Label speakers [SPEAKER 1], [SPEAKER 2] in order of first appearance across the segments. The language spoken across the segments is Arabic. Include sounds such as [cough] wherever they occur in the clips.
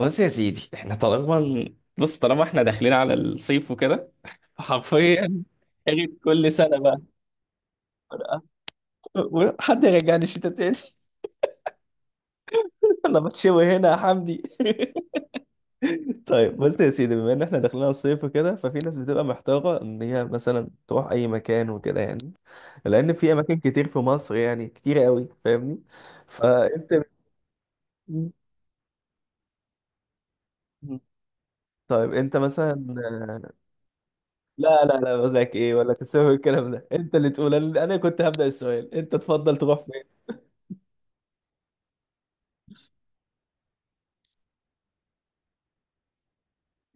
[SPEAKER 1] بص يا سيدي، احنا طالما احنا داخلين على الصيف وكده. حرفيا عيد كل سنة بقى. حد يرجعني الشتاء تاني. [laughs] انا بتشوي هنا يا حمدي. [laughs] طيب بص يا سيدي، بما ان احنا داخلين على الصيف وكده، ففي ناس بتبقى محتاره ان هي مثلا تروح اي مكان وكده، يعني لان في اماكن كتير في مصر، يعني كتير قوي، فاهمني. فانت طيب انت مثلا. لا لا لا، بقول لك ايه، ولا تسوي الكلام ده، انت اللي تقول. أنا كنت هبدأ السؤال، انت تفضل تروح فين؟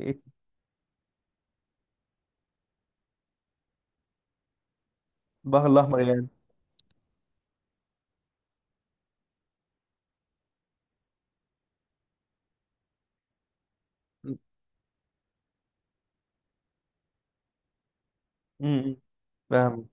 [SPEAKER 1] إيه؟ البحر الاحمر يعني. م- م- فاهم.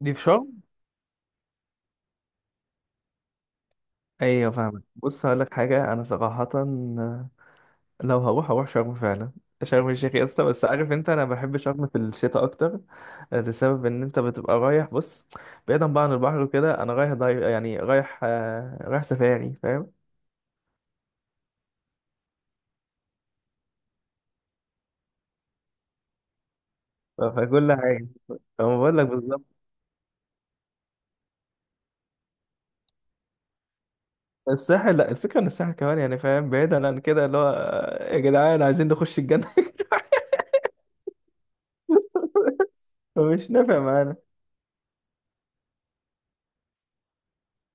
[SPEAKER 1] دي في شرم. ايوه فاهمك، بص هقول لك حاجه، انا صراحه لو هروح شرم فعلا. شرم الشيخ يا اسطى، بس عارف انت، انا بحب شرم في الشتاء اكتر، لسبب ان انت بتبقى رايح، بص، بعيدا بقى عن البحر وكده، انا يعني رايح سفاري، فاهم. فكل حاجه. فما بقول لك بالظبط. الساحل، لا، الفكرة ان الساحل كمان، يعني فاهم، بعيدا عن كده، اللي هو، يا جدعان عايزين نخش الجنة. [laughs] فمش نافع معانا.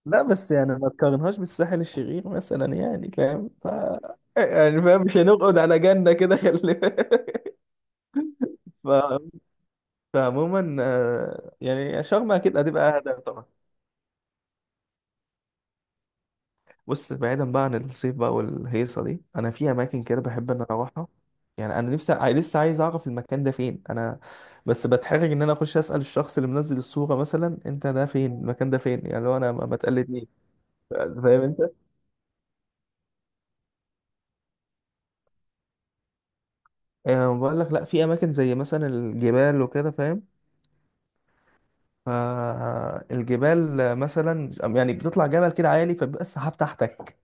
[SPEAKER 1] لا، بس يعني ما تقارنهاش بالساحل الشرير مثلا، يعني فاهم يعني فاهم، مش هنقعد على جنة كده، [laughs] خلي بالك. ف... فعموما يعني شرم اكيد هتبقى اهدى طبعا. بص، بعيدا بقى عن الصيف بقى والهيصه دي، انا في اماكن كده بحب ان انا اروحها. يعني انا نفسي، لسه عايز اعرف المكان ده فين، انا بس بتحرج ان انا اخش اسال الشخص اللي منزل الصوره مثلا، انت ده فين، المكان ده فين، يعني لو انا ما تقلدني، فاهم انت. يعني بقول لك، لا، في اماكن زي مثلا الجبال وكده، فاهم؟ فالجبال مثلا، يعني بتطلع جبل كده عالي، فبيبقى السحاب تحتك.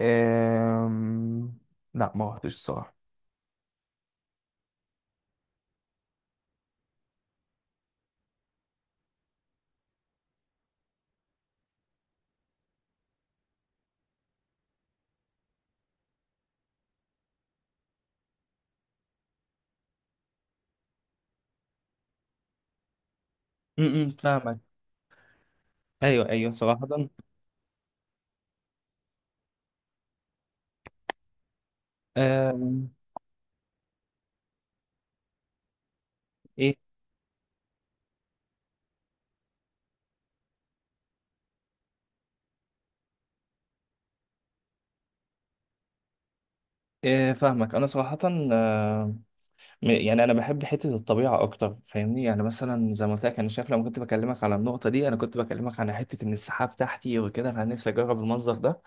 [SPEAKER 1] أم... لا، ما رحتش الصراحه. فاهمك، ايوه ايوه صراحه. آه ايه، فاهمك انا صراحه. آه، يعني انا بحب حته الطبيعه اكتر، فاهمني، يعني مثلا زي ما قلت لك، انا شايف لما كنت بكلمك على النقطه دي، انا كنت بكلمك على حته ان السحاب تحتي وكده، انا نفسي اجرب المنظر ده.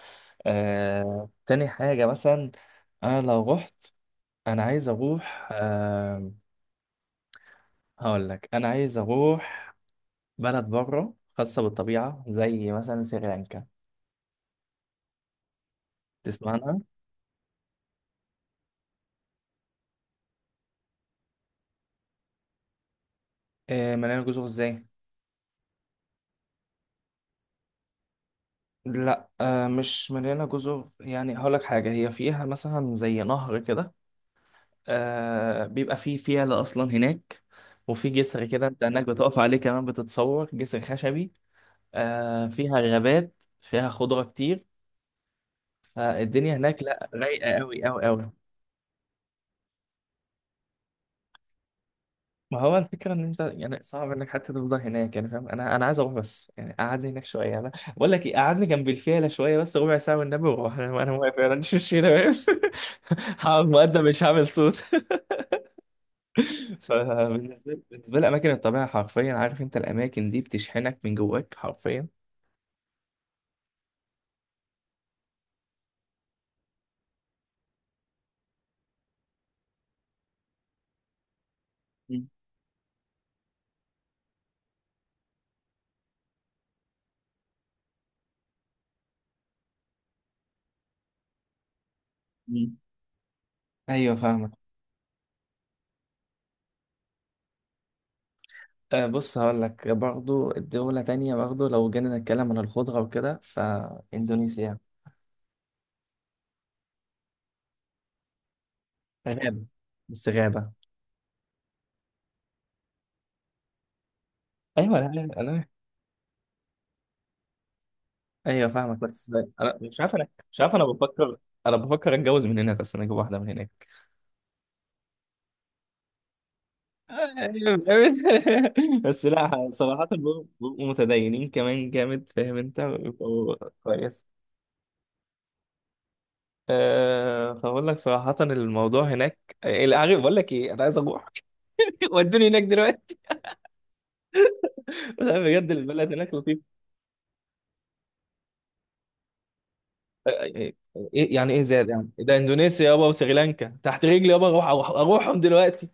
[SPEAKER 1] تاني حاجه مثلا، انا لو رحت، انا عايز اروح. هقول لك، انا عايز اروح بلد بره خاصه بالطبيعه، زي مثلا سريلانكا. تسمعنا. مليانه جزر ازاي؟ لا، مش مليانة جزر، يعني هقولك حاجة، هي فيها مثلا زي نهر كده، آه، بيبقى فيه فيلة أصلا هناك، وفي جسر كده أنت هناك بتقف عليه كمان، بتتصور جسر خشبي، آه، فيها غابات، فيها خضرة كتير، فالدنيا هناك لا، رايقة أوي أوي أوي. ما هو الفكرة إن أنت يعني صعب إنك حتى تفضل هناك، يعني فاهم، أنا عايز أروح، بس يعني قعدني هناك شوية. أنا بقول لك إيه، قعدني جنب الفيلة شوية بس، ربع ساعة والنبي وأروح. [laughs] أنا واقف، يعني مش هنا واقف. [laughs] هقعد مقدم، مش هعمل صوت. [laughs] فبالنسبة لي، بالنسبة لي أماكن الطبيعة حرفيا، عارف أنت، الأماكن دي بتشحنك من جواك حرفيا. مم. مم. أيوه فاهمك. أه، بص هقول لك، برضه دولة تانية، برضه لو جينا نتكلم عن الخضرة وكده، فإندونيسيا غابة. بس غابة. ايوه. انا ايوه فاهمك، بس انا مش عارف. انا بفكر اتجوز من هناك اصلا، اجيب واحده من هناك. [laughs] بس لا صراحه، بيبقوا متدينين كمان جامد، فاهم انت، بيبقوا. كويس. أه، فبقول لك صراحه الموضوع هناك إيه، عارف بقول لك ايه، انا عايز اروح. [laughs] ودوني هناك دلوقتي. [laughs] لا، بجد البلد هناك لطيف. إيه يعني ايه زاد؟ يعني ده اندونيسيا يابا وسريلانكا تحت رجلي يابا، اروح اروح اروحهم دلوقتي.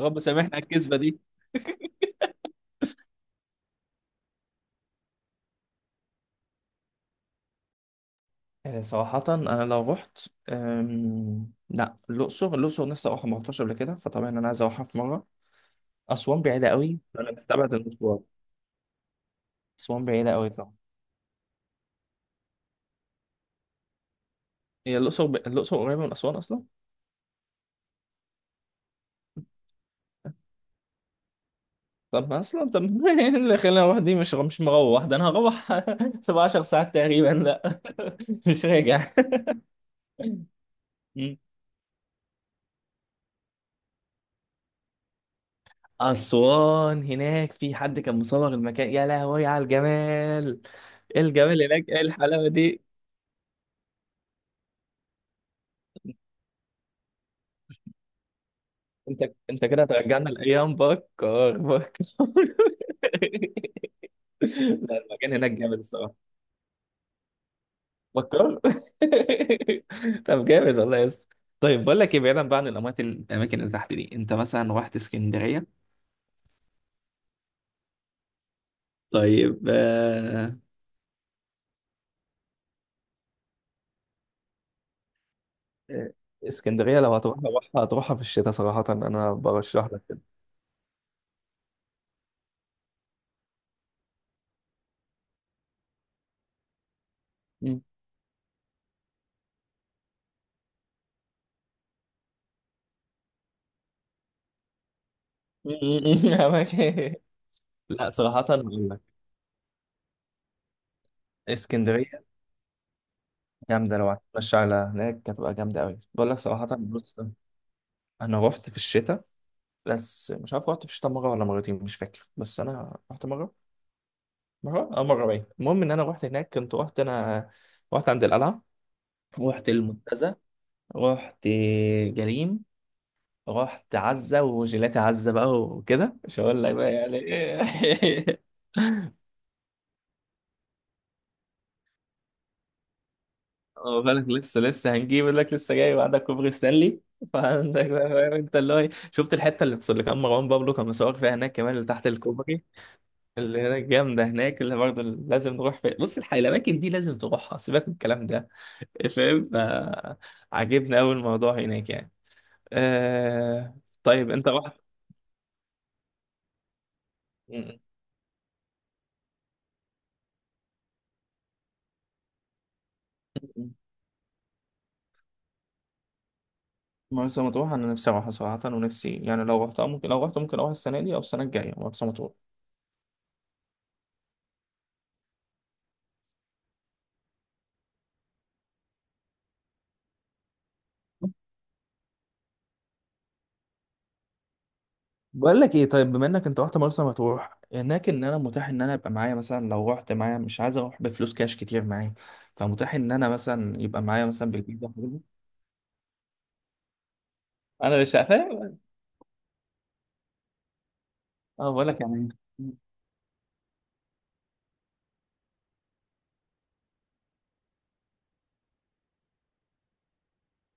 [SPEAKER 1] رب سامحنا على الكذبه دي. صراحة أنا لو رحت، لا، الأقصر نفسي أروحها، ما رحتهاش قبل كده، فطبعا أنا عايز أروحها في مرة. أسوان بعيدة قوي، أنا بستبعد المشوار. أسوان بعيدة قوي طبعا. هي الأقصر قريبة من أسوان أصلا. طب ما أصلا طب، [laughs] إيه اللي خلاني أروح دي؟ مش مروح ده، أنا هروح [laughs] 17 ساعات تقريبا، لا. [laughs] مش راجع. م. أسوان هناك، في حد كان مصور المكان، يا لهوي على الجمال، إيه الجمال هناك، إيه الحلاوة دي. انت انت كده هترجعنا لايام بكار، بكار. [laughs] لا، المكان هناك جامد الصراحه. بكار. [laughs] طب جامد والله يا اسطى. طيب بقول لك ايه، بعيدا بقى عن الاماكن اللي تحت دي، انت مثلا رحت اسكندريه؟ طيب آه، اسكندريه لو هتروح، هتروحها في الشتاء صراحه، انا برشح لك كده. مم. [laughs] أماكن- لا صراحه اقول لك، اسكندريه جامده. لو هتمشي على هناك هتبقى جامده قوي، بقول لك صراحه، بص. انا رحت في الشتاء، بس مش عارف رحت في شتاء مره ولا مرتين، مش فاكر، بس انا رحت مره، مره باين. المهم ان انا رحت هناك، كنت رحت انا. رحت عند القلعه، رحت المنتزه، رحت جليم، رحت عزه وجيلاتي، عزه بقى وكده مش هقول لك بقى يعني ايه. [laughs] اه بالك، لسه هنجيب، يقول لك لسه جاي، وعندك كوبري ستانلي. فعندك بقى، فاهم انت، اللي هو ايه؟ شفت الحته اللي كان مروان بابلو كان مصور فيها هناك كمان، اللي تحت الكوبري، اللي هناك جامدة هناك، اللي برضه لازم بص، الحقيقة الأماكن دي لازم تروحها، سيبك من الكلام ده، فاهم. فعجبني أوي الموضوع هناك يعني. آه... طيب أنت رحت م- م- مرسى مطروح؟ أنا نفسي أروحها صراحة، ونفسي، يعني لو رحتها ممكن، لو رحت ممكن أروح السنة دي أو السنة الجاية مرسى مطروح. بقول لك ايه، طيب بما انك انت رحت مرسى مطروح هناك، ان انا متاح ان انا ابقى معايا مثلا، لو رحت معايا مش عايز اروح بفلوس كاش كتير معايا، فمتاح ان انا مثلا يبقى معايا مثلا بالبيزا. انا مش فاهم. اه بقول لك يعني.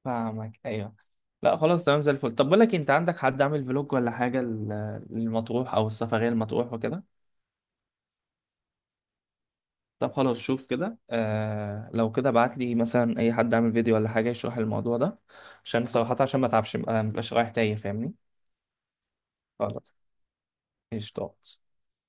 [SPEAKER 1] فاهمك ايوه. لا خلاص تمام زي الفل. طب بقول لك إيه، انت عندك حد عامل فلوج ولا حاجه للمطروح او السفريه المطروح وكده؟ طب خلاص شوف كده، لو كده ابعت لي مثلا اي حد عامل فيديو ولا حاجه يشرح الموضوع ده، عشان صراحه عشان ما اتعبش، ما ابقاش رايح تايه، فاهمني. خلاص. قشطات.